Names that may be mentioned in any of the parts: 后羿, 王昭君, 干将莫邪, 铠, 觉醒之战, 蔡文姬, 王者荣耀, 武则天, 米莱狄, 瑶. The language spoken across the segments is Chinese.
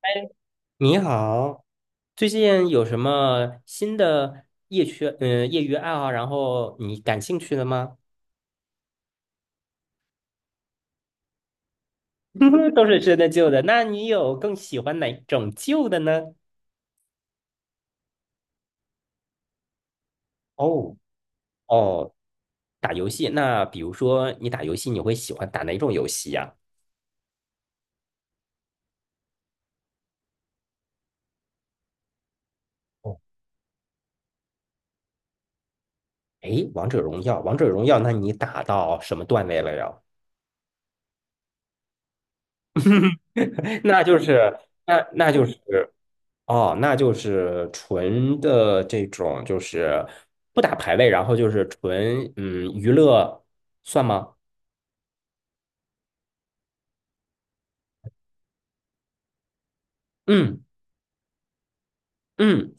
哎，你好，最近有什么新的业余爱好，然后你感兴趣的吗？都是新的旧的，那你有更喜欢哪种旧的呢？哦哦，打游戏，那比如说你打游戏，你会喜欢打哪种游戏呀？哦，哎，王者荣耀，王者荣耀，那你打到什么段位了呀？那就是，那就是。哦，那就是纯的这种，就是不打排位，然后就是纯娱乐，算吗？嗯嗯，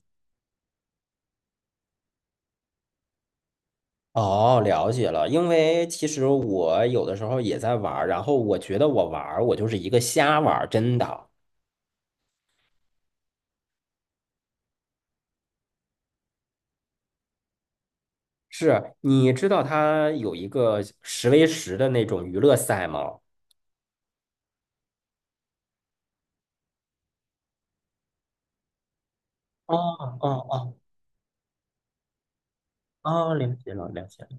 哦，了解了。因为其实我有的时候也在玩儿，然后我觉得我玩儿，我就是一个瞎玩儿，真的是。你知道它有一个十 v 十的那种娱乐赛吗？哦哦哦哦，了解了，了解了。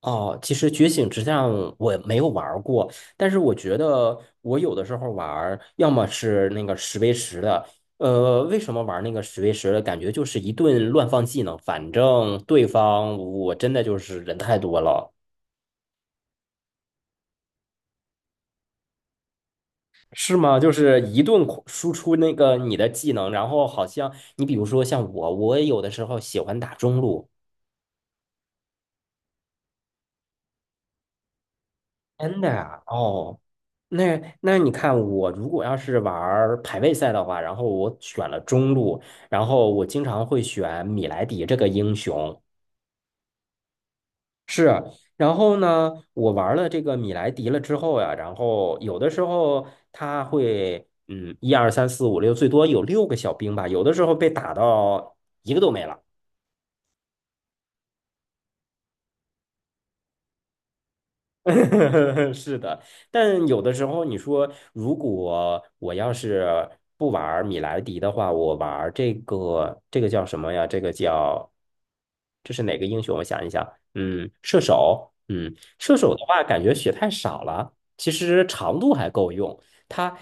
哦，其实觉醒之战我没有玩儿过，但是我觉得我有的时候玩儿要么是那个十 v 十的，为什么玩那个十 v 十的？感觉就是一顿乱放技能，反正对方我真的就是人太多了，是吗？就是一顿狂输出那个你的技能，然后好像你比如说像我，我有的时候喜欢打中路，真的啊，哦，那你看，我如果要是玩儿排位赛的话，然后我选了中路，然后我经常会选米莱狄这个英雄，是。然后呢，我玩了这个米莱狄了之后呀，然后有的时候他会，嗯，一二三四五六，最多有六个小兵吧，有的时候被打到一个都没了。是的，但有的时候你说，如果我要是不玩儿米莱狄的话，我玩儿这个这个叫什么呀？这个叫这是哪个英雄？我想一想，嗯，射手，嗯，射手的话，感觉血太少了，其实长度还够用。它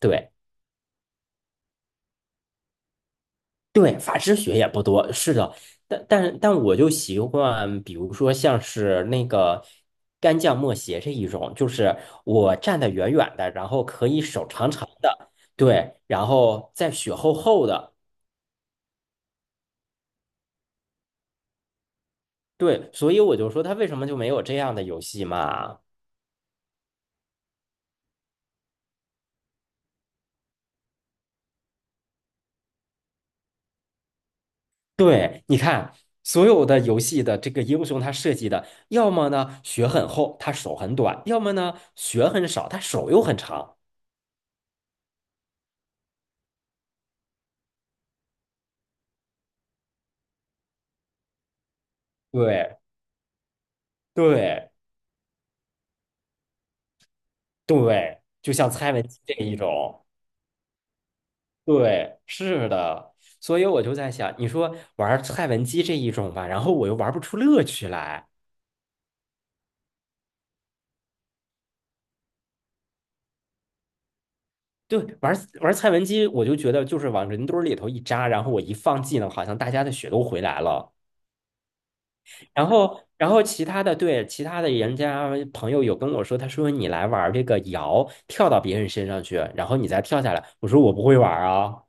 对对，法师血也不多，是的，但我就习惯，比如说像是那个干将莫邪这一种，就是我站得远远的，然后可以手长长的，对，然后再血厚厚的，对，所以我就说他为什么就没有这样的游戏嘛？对，你看所有的游戏的这个英雄，他设计的要么呢血很厚，他手很短，要么呢血很少，他手又很长，对对。对，就像蔡文姬这一种，对，是的，所以我就在想，你说玩蔡文姬这一种吧，然后我又玩不出乐趣来。对，玩蔡文姬，我就觉得就是往人堆儿里头一扎，然后我一放技能，好像大家的血都回来了。然后其他的对其他的人家朋友有跟我说，他说你来玩这个瑶，跳到别人身上去，然后你再跳下来。我说我不会玩啊。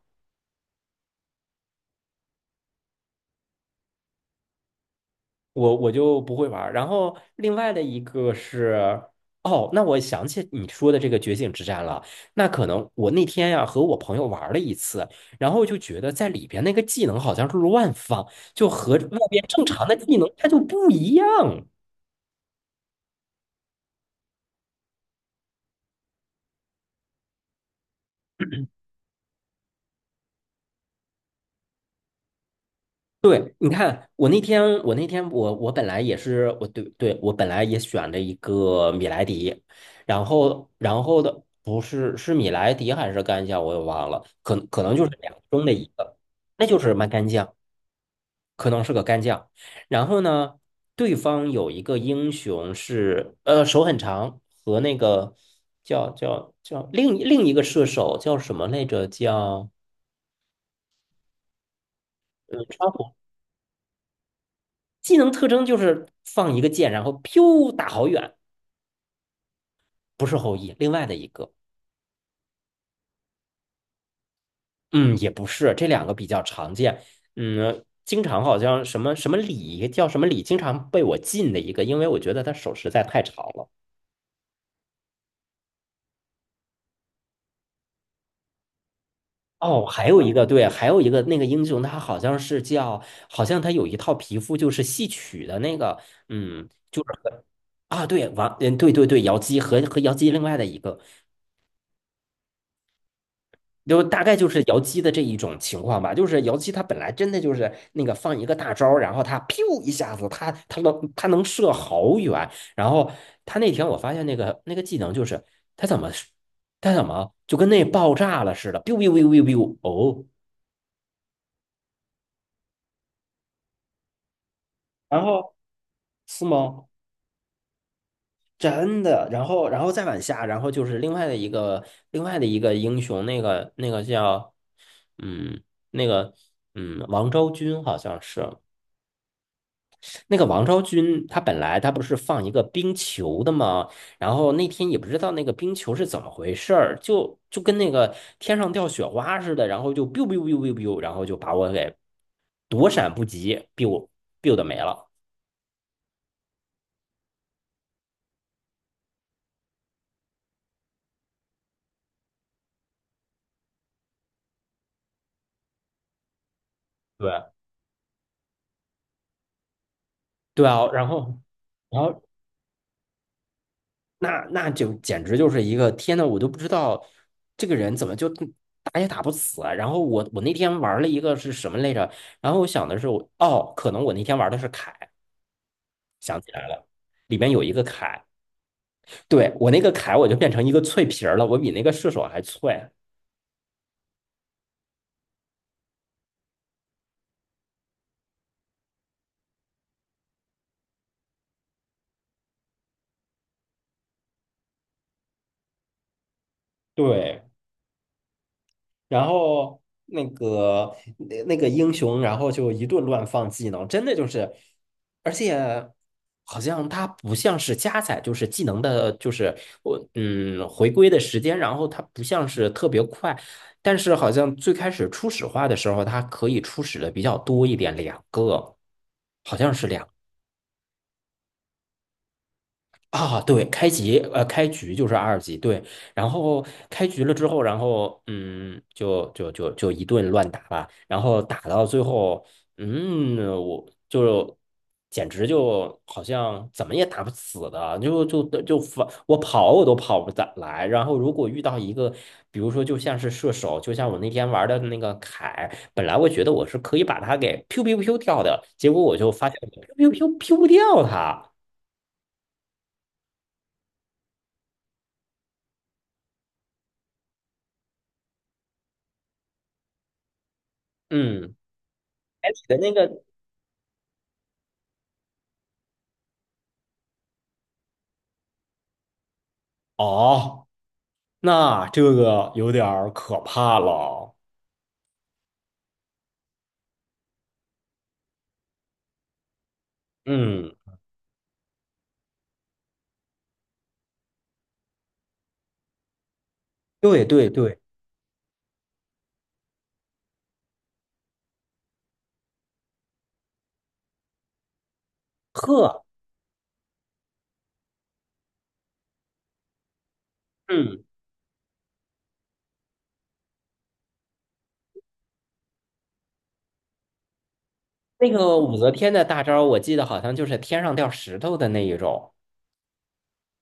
我就不会玩儿。然后另外的一个是，哦，那我想起你说的这个觉醒之战了。那可能我那天呀、和我朋友玩儿了一次，然后就觉得在里边那个技能好像是乱放，就和外边正常的技能它就不一样。对，你看，我那天，我那天我，我本来也是，我对对，我本来也选了一个米莱狄，然后不是是米莱狄还是干将，我也忘了，可能就是两个中的一个，那就是蛮干将，可能是个干将。然后呢，对方有一个英雄是呃手很长和那个叫另一个射手叫什么来着？叫川普技能特征就是放一个箭，然后飘打好远，不是后羿，另外的一个，嗯，也不是，这两个比较常见，嗯，经常好像什么什么李叫什么李，经常被我禁的一个，因为我觉得他手实在太长了。哦，还有一个对，还有一个那个英雄，他好像是叫，好像他有一套皮肤就是戏曲的那个，嗯，就是啊，对，王，嗯，对对对，瑶姬和瑶姬另外的一个。就大概就是姚姬的这一种情况吧，就是姚姬她本来真的就是那个放一个大招儿然后她 piu 一下子，她能射好远，然后她那天我发现那个那个技能就是她怎么她怎么就跟那爆炸了似的，biu biu biu biu biu，哦，然后是吗？真的，然后再往下，然后就是另外的一个英雄，那个叫嗯那个王昭君好像是，那个王昭君，她本来她不是放一个冰球的吗？然后那天也不知道那个冰球是怎么回事儿，就跟那个天上掉雪花似的，然后就 biu biu biu biu biu，然后就把我给躲闪不及，biu biu 的没了。对对啊，然后那就简直就是一个天呐，我都不知道这个人怎么就打也打不死啊。然后我那天玩了一个是什么来着？然后我想的是我哦，可能我那天玩的是凯。想起来了，里面有一个铠，对，我那个铠我就变成一个脆皮儿了，我比那个射手还脆。对，然后那个英雄，然后就一顿乱放技能，真的就是，而且好像它不像是加载，就是技能的，就是我回归的时间，然后它不像是特别快，但是好像最开始初始化的时候，它可以初始的比较多一点，两个好像是两啊，对，开局就是二级，对，然后开局了之后，然后就一顿乱打吧，然后打到最后，嗯，我就简直就好像怎么也打不死的，就反我跑我都跑不咋来，然后如果遇到一个，比如说就像是射手，就像我那天玩的那个凯，本来我觉得我是可以把他给 pew pew pew 掉的，结果我就发现我 pew pew pew p e 不掉他，嗯。海里的那个，哦，那这个有点儿可怕了。嗯，对对对，呵，嗯，那个武则天的大招，我记得好像就是天上掉石头的那一种，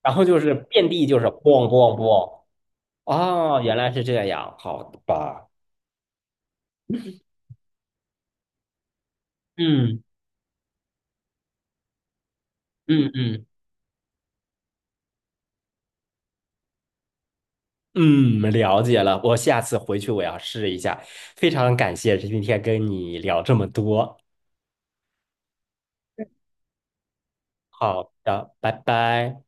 然后就是遍地就是咣咣咣。哦，原来是这样，好的吧。嗯嗯嗯嗯，了解了，我下次回去我要试一下。非常感谢今天跟你聊这么多，好的，拜拜。